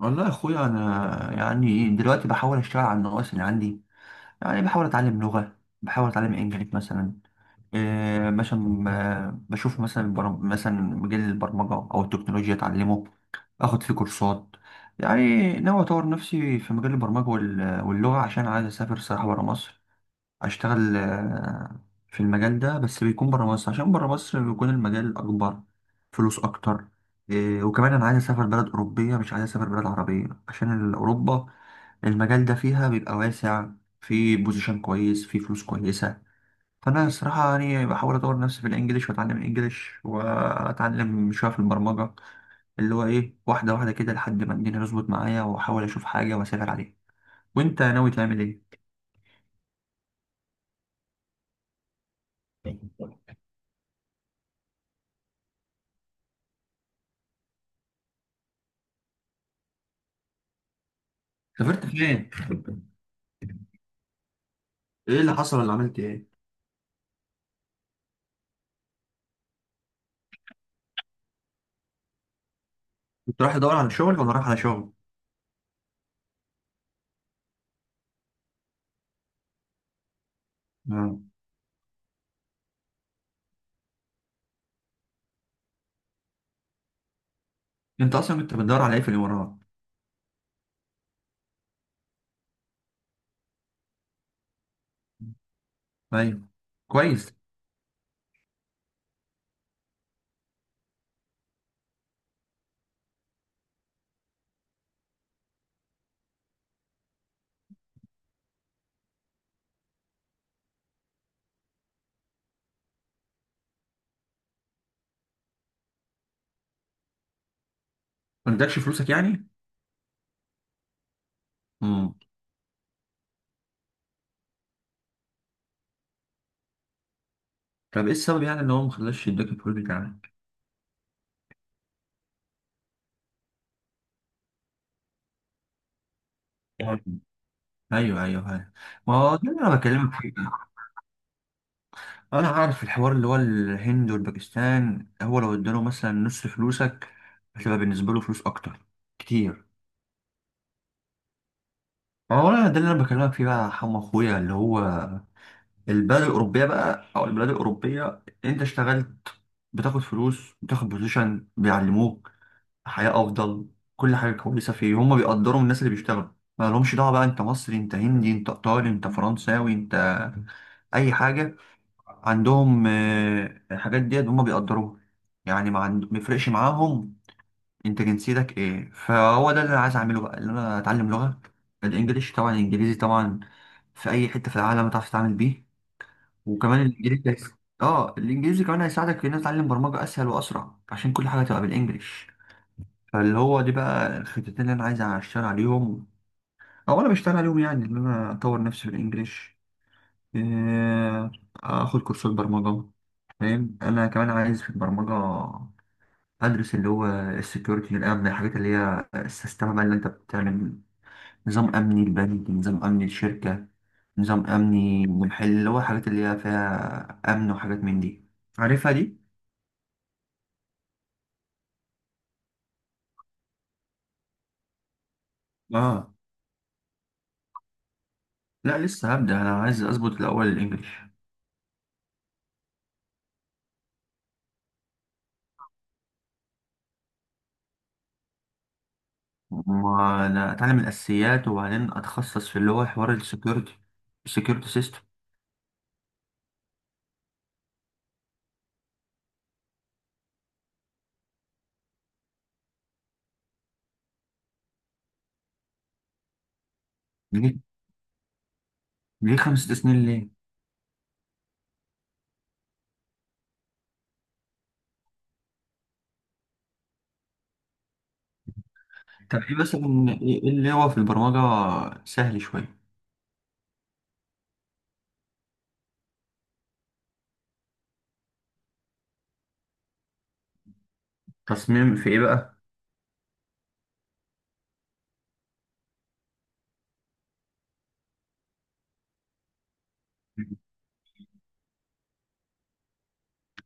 والله يا اخويا، انا يعني دلوقتي بحاول اشتغل على النواقص اللي عندي. يعني بحاول اتعلم لغه، بحاول اتعلم انجليزي مثلا. إيه مثلا، بشوف مثلا مثلا مجال البرمجه او التكنولوجيا، اتعلمه. اخد فيه كورسات. يعني ناوي اطور نفسي في مجال البرمجه واللغه، عشان عايز اسافر صراحه بره مصر. اشتغل، في المجال ده، بس بيكون بره مصر، عشان بره مصر بيكون المجال اكبر. فلوس اكتر. وكمان انا عايز اسافر بلد اوروبيه، مش عايز اسافر بلد عربيه، عشان اوروبا المجال ده فيها بيبقى واسع. في بوزيشن كويس، في فلوس كويسه. فانا الصراحه يعني بحاول اطور نفسي في الانجليش، واتعلم انجليش، واتعلم شويه في البرمجه، اللي هو ايه، واحده واحده كده، لحد ما الدنيا تظبط معايا، واحاول اشوف حاجه واسافر عليها. وانت ناوي تعمل ايه؟ سافرت فين؟ ايه اللي حصل، ولا عملت ايه؟ كنت رايح ادور على شغل، ولا رايح على شغل؟ آه. انت اصلا كنت بتدور على ايه في الامارات؟ ايوه. كويس. ما ادكش فلوسك يعني؟ امم. طب ايه السبب يعني ان هو ما خلاش يديك الفلوس بتاعك؟ آه. ايوه، ايوه، ايوه. ما هو ده اللي انا بكلمك فيه. انا عارف الحوار، اللي هو الهند والباكستان، هو لو اداله مثلا نص فلوسك، هتبقى بالنسبه له فلوس اكتر. كتير. ما هو أنا ده اللي انا بكلمك فيه بقى، يا حمو اخويا، اللي هو البلد الأوروبية بقى، أو البلاد الأوروبية، أنت اشتغلت، بتاخد فلوس، بتاخد بوزيشن، بيعلموك حياة أفضل. كل حاجة كويسة فيه، هما بيقدروا الناس اللي بيشتغلوا. ما لهمش دعوة بقى أنت مصري، أنت هندي، أنت إيطالي، أنت فرنساوي، أنت أي حاجة. عندهم الحاجات ديت هما بيقدروها. يعني ما يفرقش معاهم أنت جنسيتك إيه. فهو ده اللي أنا عايز أعمله بقى، اللي أنا أتعلم لغة الإنجليش طبعا، الإنجليزي طبعا، في أي حتة في العالم تعرف تتعامل بيه. وكمان الانجليزي اه، الانجليزي كمان هيساعدك في ان أنت تتعلم برمجه اسهل واسرع، عشان كل حاجه تبقى بالانجلش. فاللي هو دي بقى الخطتين اللي انا عايز اشتغل عليهم، او انا بشتغل عليهم، يعني ان انا اطور نفسي بالانجلش، آه، اخد كورسات برمجه. فاهم. انا كمان عايز في البرمجه ادرس اللي هو السكيورتي، الامن، الحاجات اللي هي السيستم بقى اللي انت بتعمل نظام أمني البنك، نظام أمني الشركة، نظام أمني المحل، اللي هو حاجات اللي هي فيها أمن، وحاجات من دي. عارفها دي؟ آه. لا لسه هبدأ. أنا عايز أظبط الأول الإنجليش. وأنا أتعلم الأساسيات، وبعدين أتخصص في اللي هو حوار السكيورتي، السكيورتي سيستم. ليه؟ ليه خمس ست سنين ليه؟ طب إيه مثلا، إيه اللي هو في البرمجة سهل شوية؟ تصميم في إيه بقى؟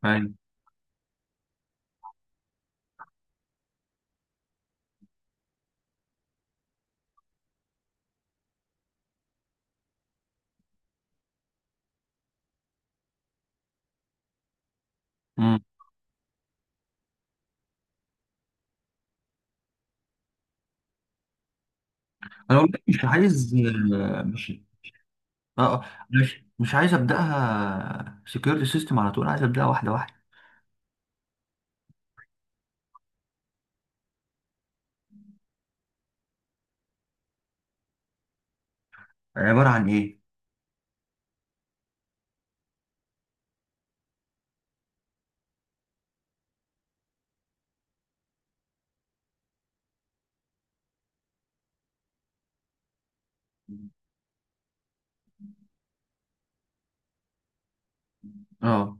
أيوة. مم. أنا والله مش عايز. مش اه اه مش مش عايز ابداها سكيورتي سيستم على طول، عايز ابداها واحده واحده. عباره عن ايه؟ اه.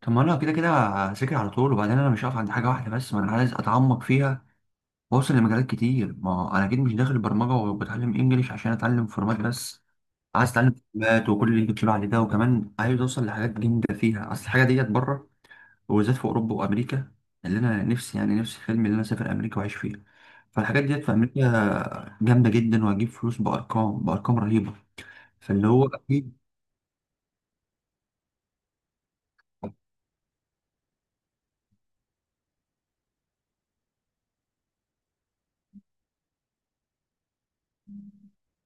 طب ما انا كده كده هذاكر على طول، وبعدين انا مش هقف عند حاجه واحده بس، ما انا عايز اتعمق فيها واوصل لمجالات كتير. ما هو انا اكيد مش داخل برمجه وبتعلم انجليش عشان اتعلم فورمات بس. عايز اتعلم فورمات وكل اللي انت بتقول عليه ده، وكمان عايز اوصل لحاجات جامده فيها، اصل الحاجه ديت بره، وبالذات في اوروبا وامريكا. اللي انا نفسي نفسي حلمي، اللي انا اسافر امريكا واعيش فيها. فالحاجات ديت في امريكا جامده جدا، وهجيب فلوس بارقام بارقام رهيبه. فاللي هو اكيد.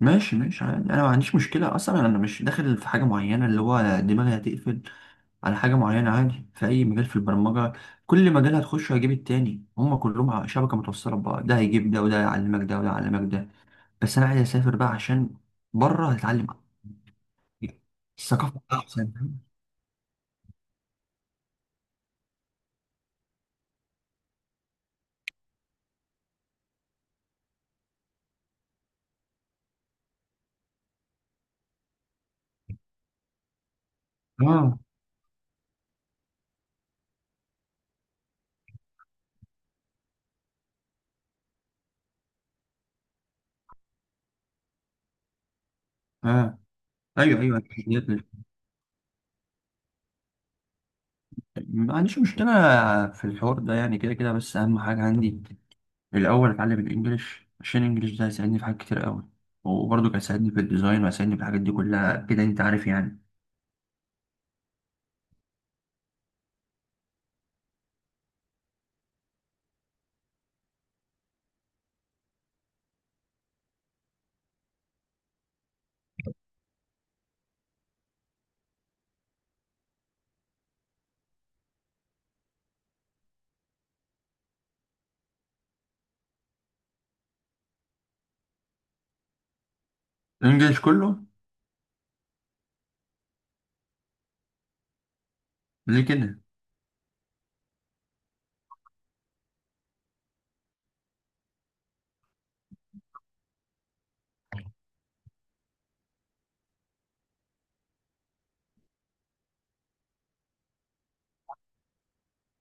ماشي، ماشي، عادي. انا ما عنديش مشكله اصلا، انا مش داخل في حاجه معينه اللي هو دماغي هتقفل على حاجه معينه. عادي في اي مجال في البرمجه. كل مجال هتخشه هيجيب التاني، هما كلهم شبكه متوصله ببعض، ده هيجيب ده، وده يعلمك ده، وده يعلمك ده. بس انا عايز اسافر بقى، عشان بره هتعلم، الثقافه احسن. اه، اه. ايوه، ايوه. ما عنديش مشكله في الحوار ده يعني، كده كده، بس اهم حاجه عندي الأول أتعلم الإنجليش، عشان الإنجليش ده هيساعدني في حاجات كتير أوي، وبرضه كان هيساعدني في الديزاين، وهيساعدني في الحاجات دي كلها، كده أنت عارف يعني. الإنجليش كله؟ ليه كده؟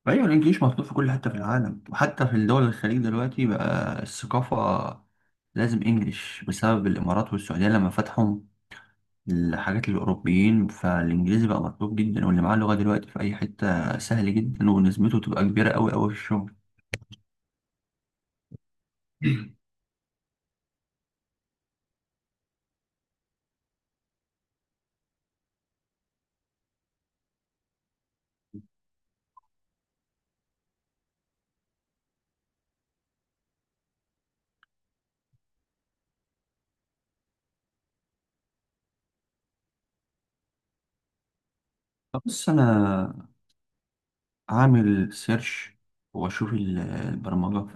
أيوة، الإنجليش مطلوب في كل حتة في العالم، وحتى في الدول الخليج دلوقتي بقى الثقافة لازم إنجليش، بسبب الإمارات والسعودية لما فتحوا الحاجات للأوروبيين، فالإنجليزي بقى مطلوب جدا، واللي معاه لغة دلوقتي في أي حتة سهل جدا، ونسبته تبقى كبيرة أوي أوي في الشغل. طب بص أنا اعمل سيرش، واشوف البرمجه،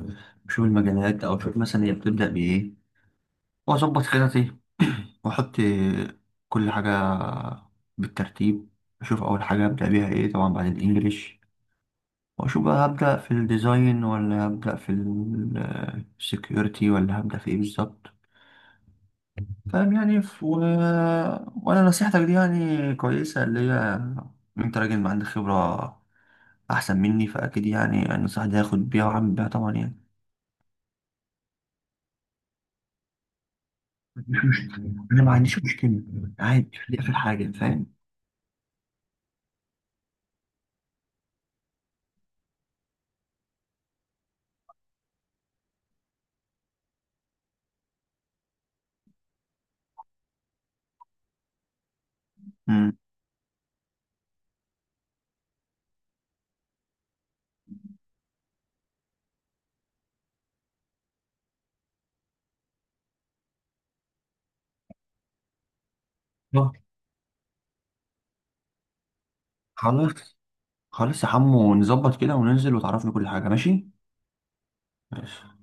اشوف المجالات او اشوف مثلا هي بتبدا بايه، واظبط خططي واحط كل حاجه بالترتيب. اشوف اول حاجه ابدا بيها ايه، طبعا بعد الانجليش، واشوف بقى هبدا في الديزاين ولا هبدا في السكيورتي ولا هبدا في ايه بالظبط. فاهم يعني. وانا نصيحتك دي يعني كويسه، اللي هي إن انت راجل ما عندك خبره احسن مني، فاكيد يعني النصيحه دي هاخد بيها واعمل بيها طبعا يعني. مش مشكله، انا ما عنديش مشكله. عادي، دي اخر حاجه، فاهم. امم. خلاص، خلاص يا حمو، نظبط كده وننزل وتعرفني كل حاجه، ماشي. ماشي.